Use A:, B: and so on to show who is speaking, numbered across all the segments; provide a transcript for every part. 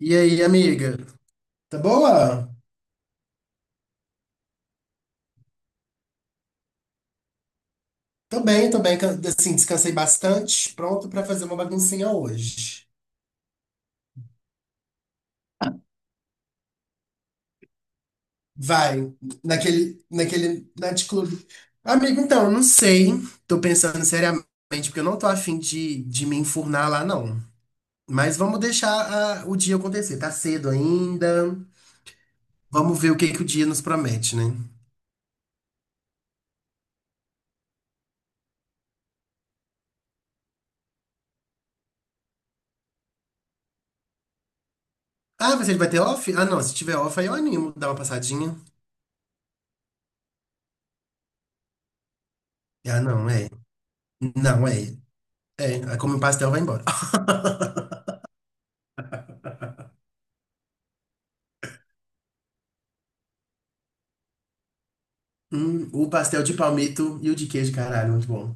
A: E aí, amiga? Tá boa? Tô bem, tô bem. Assim, descansei bastante. Pronto pra fazer uma baguncinha hoje. Vai, naquele night club. Amigo, então, eu não sei. Tô pensando seriamente, porque eu não tô afim de me enfurnar lá, não. Mas vamos deixar o dia acontecer. Tá cedo ainda. Vamos ver o que que o dia nos promete, né? Ah, você vai ter off? Ah, não. Se tiver off, aí eu animo. Dá uma passadinha. Ah, não, é. Não, é. É, aí come um pastel, e vai embora. O pastel de palmito e o de queijo, caralho, muito bom.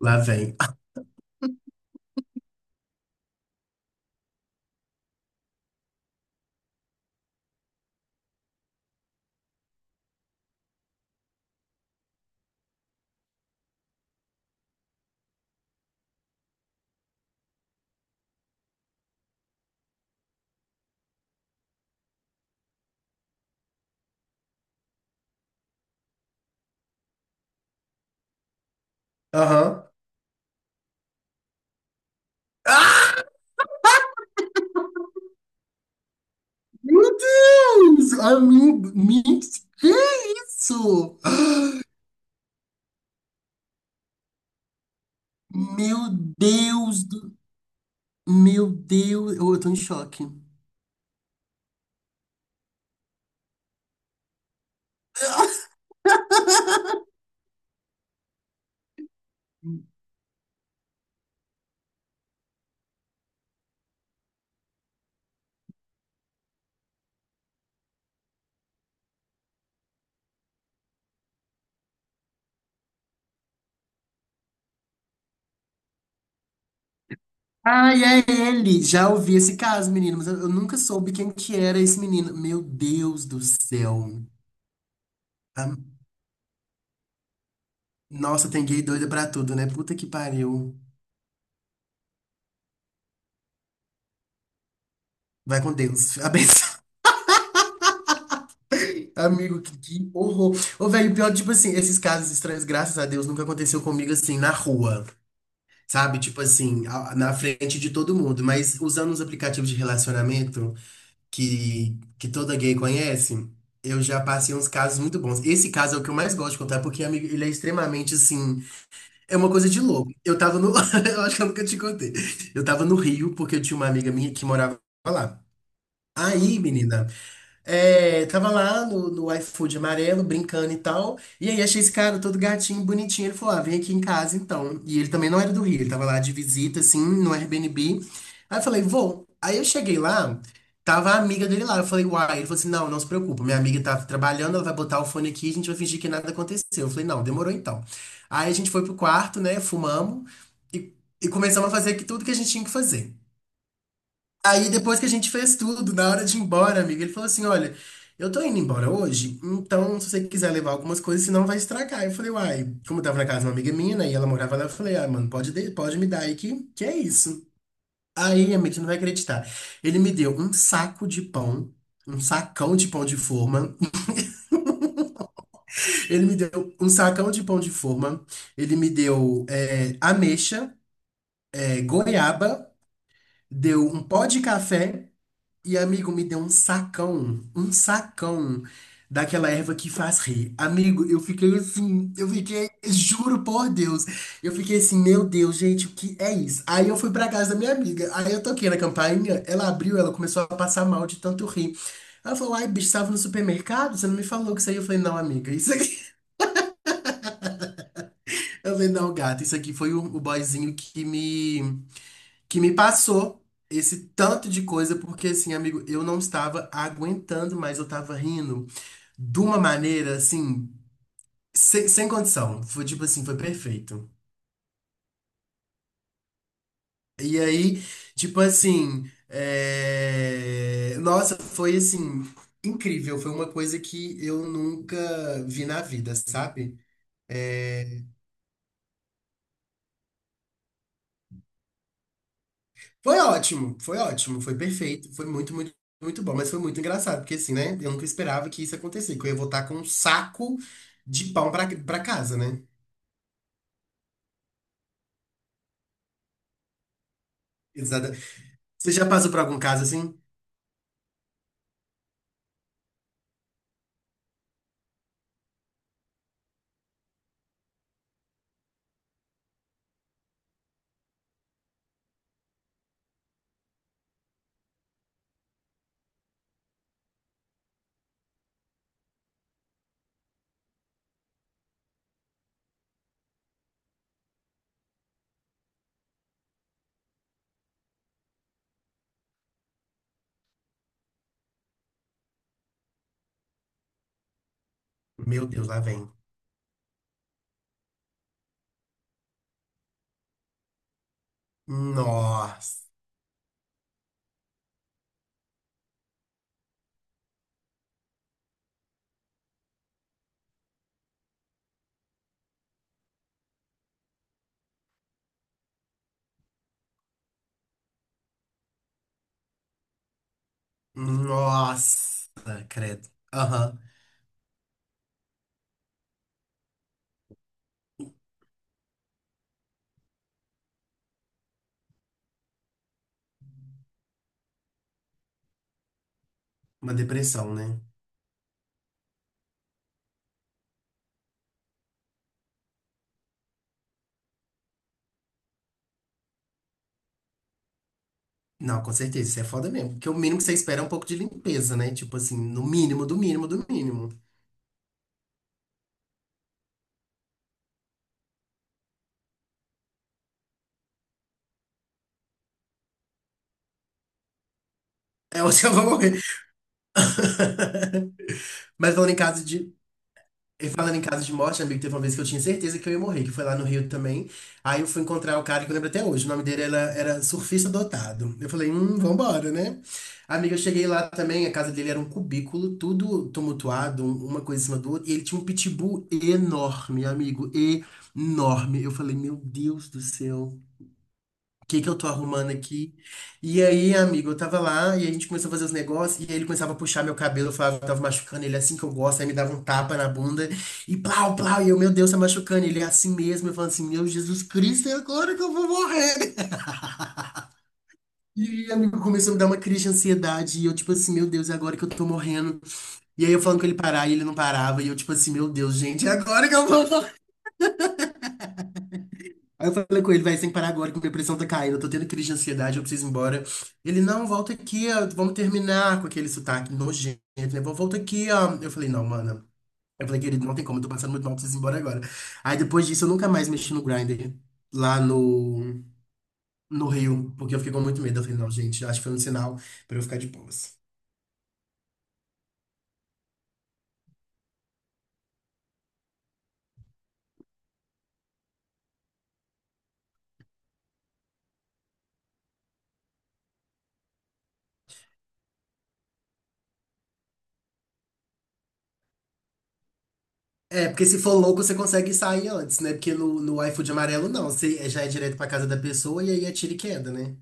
A: Lá vem. Aham. Ah, meu Deus! Amigo, que isso? Meu Deus do... Meu Deus, eu tô em choque. Ai, é ele! Já ouvi esse caso, menino, mas eu nunca soube quem que era esse menino. Meu Deus do céu. Ah, Nossa, tem gay doida pra tudo, né? Puta que pariu. Vai com Deus. Abençoe. Amigo, que horror. Ô, velho, pior, tipo assim, esses casos estranhos, graças a Deus, nunca aconteceu comigo assim, na rua. Sabe? Tipo assim, na frente de todo mundo. Mas usando os aplicativos de relacionamento que toda gay conhece, eu já passei uns casos muito bons. Esse caso é o que eu mais gosto de contar, porque, amigo, ele é extremamente assim. É uma coisa de louco. Eu tava no. Eu acho que eu nunca te contei. Eu tava no Rio, porque eu tinha uma amiga minha que morava lá. Aí, menina. É, tava lá no, no iFood amarelo, brincando e tal. E aí achei esse cara todo gatinho, bonitinho. Ele falou: ah, vem aqui em casa então. E ele também não era do Rio, ele tava lá de visita, assim, no Airbnb. Aí eu falei: vou. Aí eu cheguei lá, tava a amiga dele lá. Eu falei: uai. Ele falou assim: não, não se preocupa, minha amiga tá trabalhando, ela vai botar o fone aqui, a gente vai fingir que nada aconteceu. Eu falei: não, demorou então. Aí a gente foi pro quarto, né, fumamos e, e começamos a fazer aqui tudo que a gente tinha que fazer. Aí depois que a gente fez tudo, na hora de ir embora, amigo, ele falou assim: olha, eu tô indo embora hoje, então se você quiser levar algumas coisas, senão vai estragar. Eu falei, uai, como eu tava na casa de uma amiga minha, né, e ela morava lá, eu falei, ah, mano, pode, pode me dar aí que é isso. Aí, amigo, você não vai acreditar. Ele me deu um saco de pão, um sacão de pão de forma. Ele me deu um sacão de pão de forma. Ele me deu é, ameixa, é, goiaba, deu um pó de café. E amigo, me deu um sacão daquela erva que faz rir. Amigo, eu fiquei assim, eu fiquei, juro por Deus, eu fiquei assim, meu Deus, gente, o que é isso? Aí eu fui pra casa da minha amiga, aí eu toquei na campainha, ela abriu, ela começou a passar mal de tanto rir. Ela falou, ai, bicho, estava no supermercado? Você não me falou que isso aí? Eu falei, não, amiga, isso aqui. Eu falei, não, gata, isso aqui foi o boyzinho que me. Que me passou esse tanto de coisa, porque assim, amigo, eu não estava aguentando mais, eu tava rindo de uma maneira assim, sem condição. Foi tipo assim, foi perfeito. E aí, tipo assim, é, nossa, foi assim, incrível. Foi uma coisa que eu nunca vi na vida, sabe? Eh, foi ótimo, foi ótimo, foi perfeito, foi muito, muito, muito bom, mas foi muito engraçado, porque assim, né? Eu nunca esperava que isso acontecesse, que eu ia voltar com um saco de pão pra casa, né? Exato. Você já passou por algum caso assim? Meu Deus, lá vem. Nossa, nossa, credo. Aham, uma depressão, né? Não, com certeza, isso é foda mesmo, porque o mínimo que você espera é um pouco de limpeza, né? Tipo assim, no mínimo, do mínimo, do mínimo. É onde eu vou morrer. Mas falando em caso de. E falando em casos de morte, amigo, teve uma vez que eu tinha certeza que eu ia morrer, que foi lá no Rio também. Aí eu fui encontrar o cara que eu lembro até hoje, o nome dele era Surfista Dotado. Eu falei, vambora, né? Amiga, eu cheguei lá também, a casa dele era um cubículo, tudo tumultuado, uma coisa em cima do outro, e ele tinha um pitbull enorme, amigo, enorme. Eu falei, meu Deus do céu. O que que eu tô arrumando aqui? E aí, amigo, eu tava lá e a gente começou a fazer os negócios e aí ele começava a puxar meu cabelo, eu falava que tava machucando ele assim que eu gosto, aí me dava um tapa na bunda e plau, plau, e eu, meu Deus, tá machucando ele é assim mesmo, eu falando assim, meu Jesus Cristo, é agora que eu vou morrer. E amigo começou a me dar uma crise de ansiedade e eu tipo assim, meu Deus, é agora que eu tô morrendo. E aí eu falando que ele parar e ele não parava e eu tipo assim, meu Deus, gente, é agora que eu vou. Aí eu falei com ele, vai, sem parar agora que minha pressão tá caindo, eu tô tendo crise de ansiedade, eu preciso ir embora. Ele, não, volta aqui, ó, vamos terminar com aquele sotaque nojento, né? Volta aqui, ó. Eu falei, não, mano. Eu falei, querido, não tem como, eu tô passando muito mal, eu preciso ir embora agora. Aí depois disso eu nunca mais mexi no Grindr lá no Rio, porque eu fiquei com muito medo. Eu falei, não, gente, acho que foi um sinal pra eu ficar de boas. É, porque se for louco, você consegue sair antes, né? Porque no iFood amarelo, não. Você já é direto pra casa da pessoa e aí é tiro e queda, né?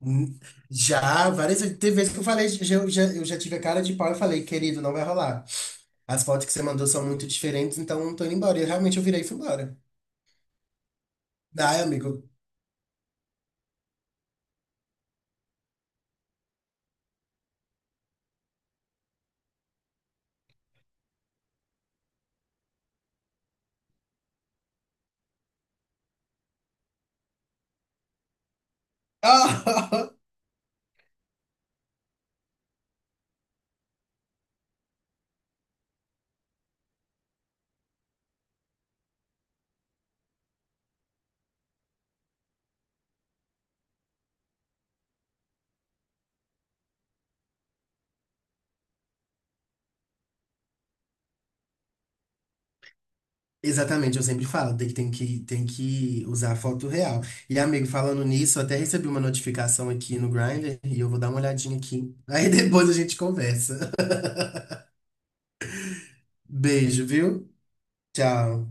A: Hum, já, várias vezes. Teve vezes que eu falei, eu já tive a cara de pau e falei, querido, não vai rolar. As fotos que você mandou são muito diferentes, então eu não tô indo embora. E realmente eu virei e fui embora. Ai, amigo. Ah! Exatamente, eu sempre falo, tem que usar a foto real. E, amigo, falando nisso, eu até recebi uma notificação aqui no Grindr e eu vou dar uma olhadinha aqui. Aí depois a gente conversa. Beijo, viu? Tchau.